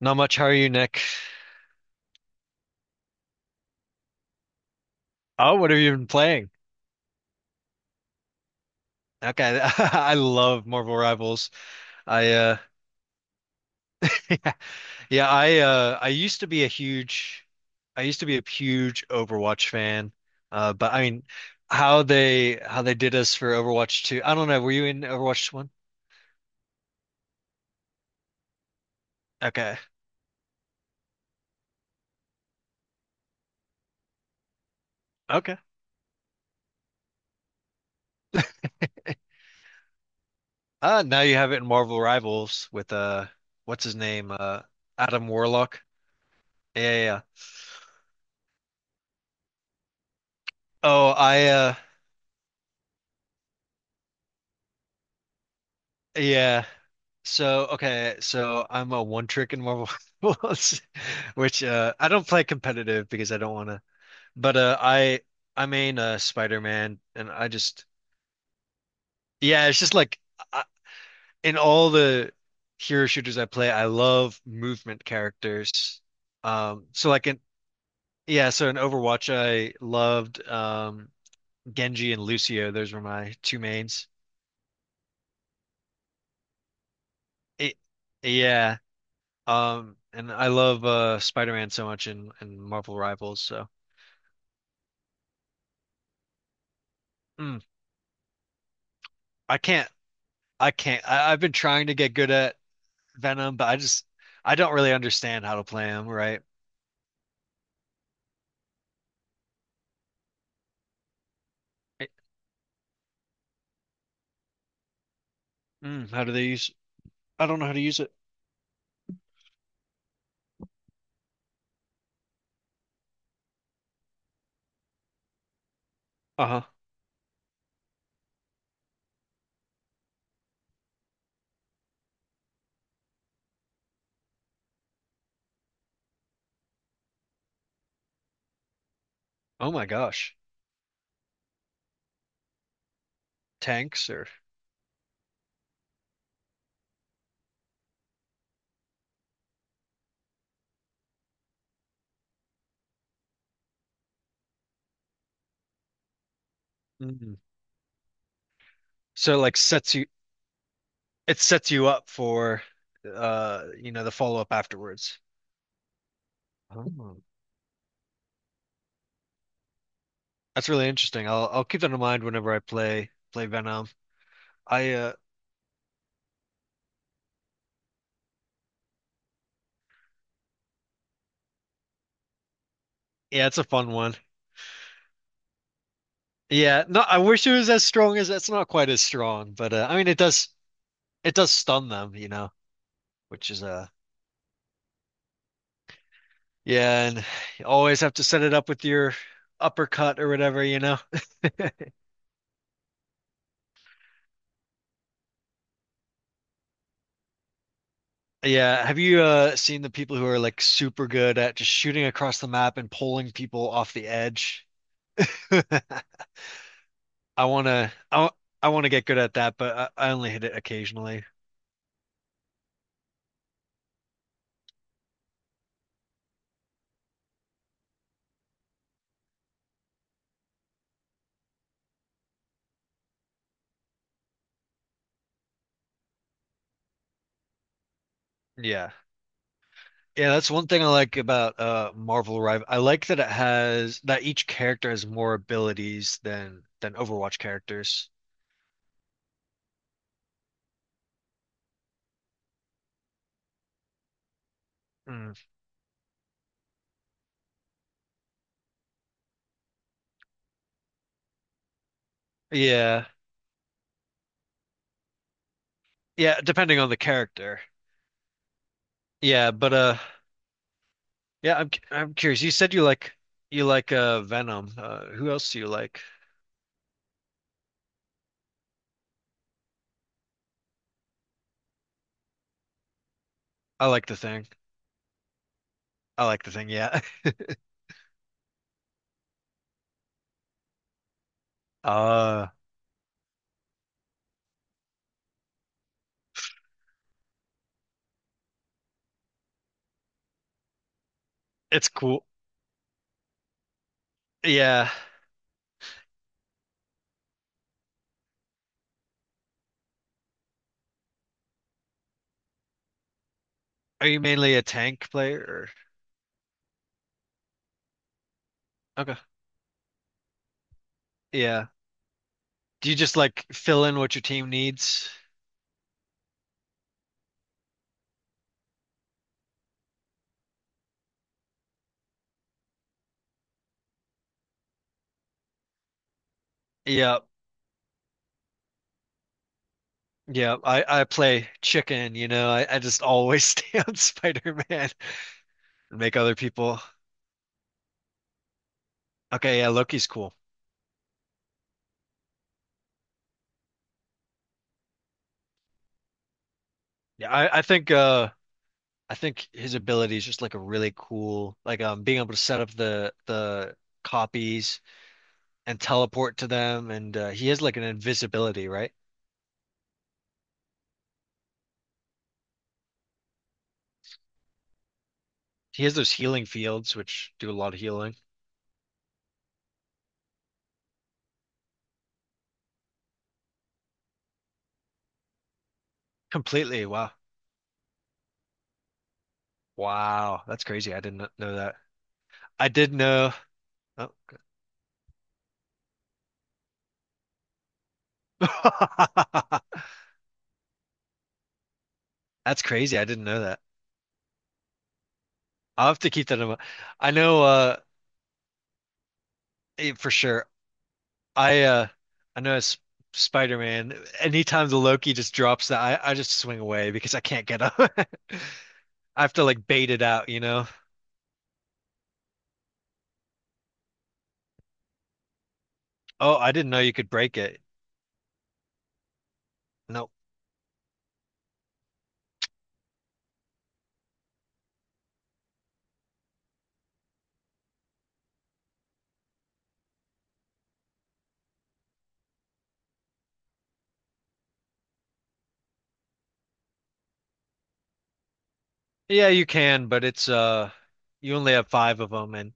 Not much. How are you, Nick? Oh, what have you been playing? Okay, I love Marvel Rivals. I yeah, yeah, I used to be a huge I used to be a huge Overwatch fan. But I mean how they did us for Overwatch 2. I don't know, were you in Overwatch 1? Okay. Okay. Now you have it in Marvel Rivals with. What's his name? Adam Warlock. Yeah, yeah, yeah. Oh, I Yeah. So okay, so I'm a one trick in Marvel Rivals, which I don't play competitive because I don't wanna. But I main Spider-Man and I just yeah, it's just like I, in all the hero shooters I play, I love movement characters. So like in Yeah, so in Overwatch I loved Genji and Lucio. Those were my two mains. It, yeah. And I love Spider-Man so much in and Marvel Rivals, so mm, I can't I can't. I've been trying to get good at Venom, but I just I don't really understand how to play him, right? I- mm, how do they use I don't know how to use it. Uh-huh. Oh my gosh. Tanks or mm. So it sets you up for you know the follow-up afterwards. Oh. That's really interesting. I'll keep that in mind whenever I play Venom. I Yeah, it's a fun one. Yeah, no, I wish it was as strong as it's not quite as strong, but I mean it does stun them, you know, which is yeah, and you always have to set it up with your uppercut or whatever, you know. Yeah, have you seen the people who are like super good at just shooting across the map and pulling people off the edge? I wanna I I wanna get good at that, but I only hit it occasionally. Yeah. Yeah, that's one thing I like about Marvel Rival. I like that it has that each character has more abilities than Overwatch characters. Mm. Yeah. Yeah, depending on the character. Yeah, but I'm curious. You said you like Venom. Who else do you like? I like the Thing. I like the Thing, yeah. Uh it's cool. Yeah. Are you mainly a tank player or okay. Yeah. Do you just like fill in what your team needs? Yeah. Yeah, I play chicken, you know. I just always stay on Spider-Man and make other people. Okay, yeah, Loki's cool. Yeah, I think his ability is just like a really cool like being able to set up the copies and teleport to them and he has like an invisibility, right? He has those healing fields which do a lot of healing. Completely. Wow. Wow, that's crazy. I didn't know that. I did know. Oh. That's crazy. I didn't know that. I'll have to keep that in mind. I know Eh, for sure. I uh I know as Spider-Man, anytime the Loki just drops that, I just swing away because I can't get up. I have to like bait it out, you know? Oh, I didn't know you could break it. Nope. Yeah, you can, but it's you only have five of them and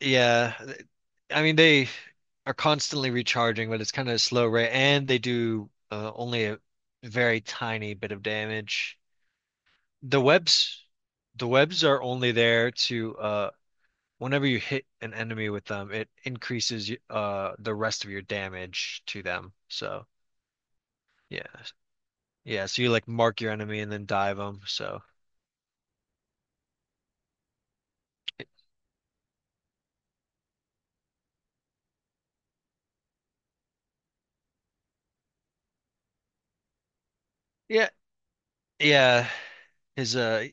yeah, I mean they are constantly recharging, but it's kind of a slow rate and they do only a very tiny bit of damage. The webs, the webs are only there to whenever you hit an enemy with them, it increases the rest of your damage to them. So yeah, yeah. So you like mark your enemy and then dive them. So yeah, yeah. Is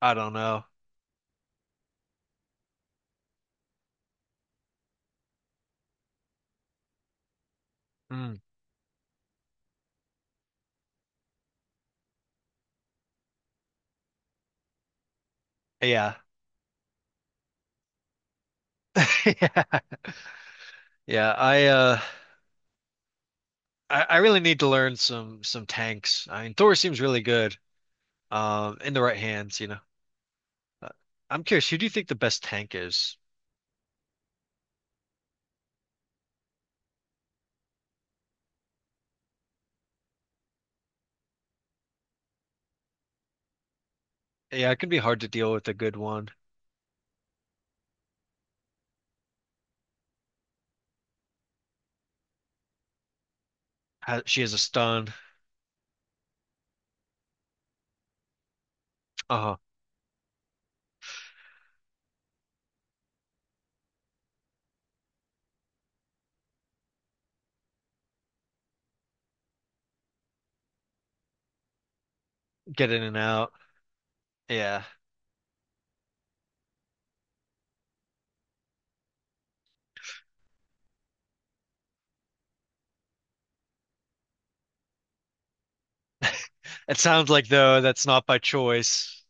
I don't know. Mm, yeah, yeah, yeah. I really need to learn some tanks. I mean, Thor seems really good in the right hands, you know. Uh, I'm curious, who do you think the best tank is? Yeah, it can be hard to deal with a good one. She has a stun. Uh-huh. Get in and out. Yeah. It sounds like though that's not by choice.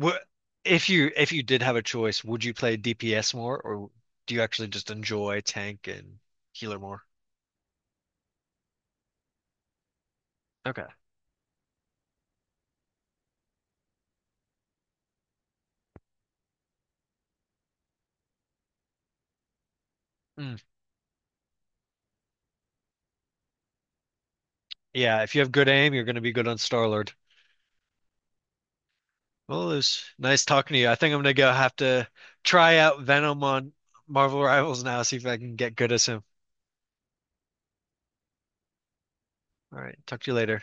Wh- If you did have a choice, would you play DPS more or do you actually just enjoy tank and healer more? Okay. Mm. Yeah, if you have good aim, you're going to be good on Star-Lord. Well, it was nice talking to you. I think I'm going to go have to try out Venom on Marvel Rivals now, see if I can get good as him. All right, talk to you later.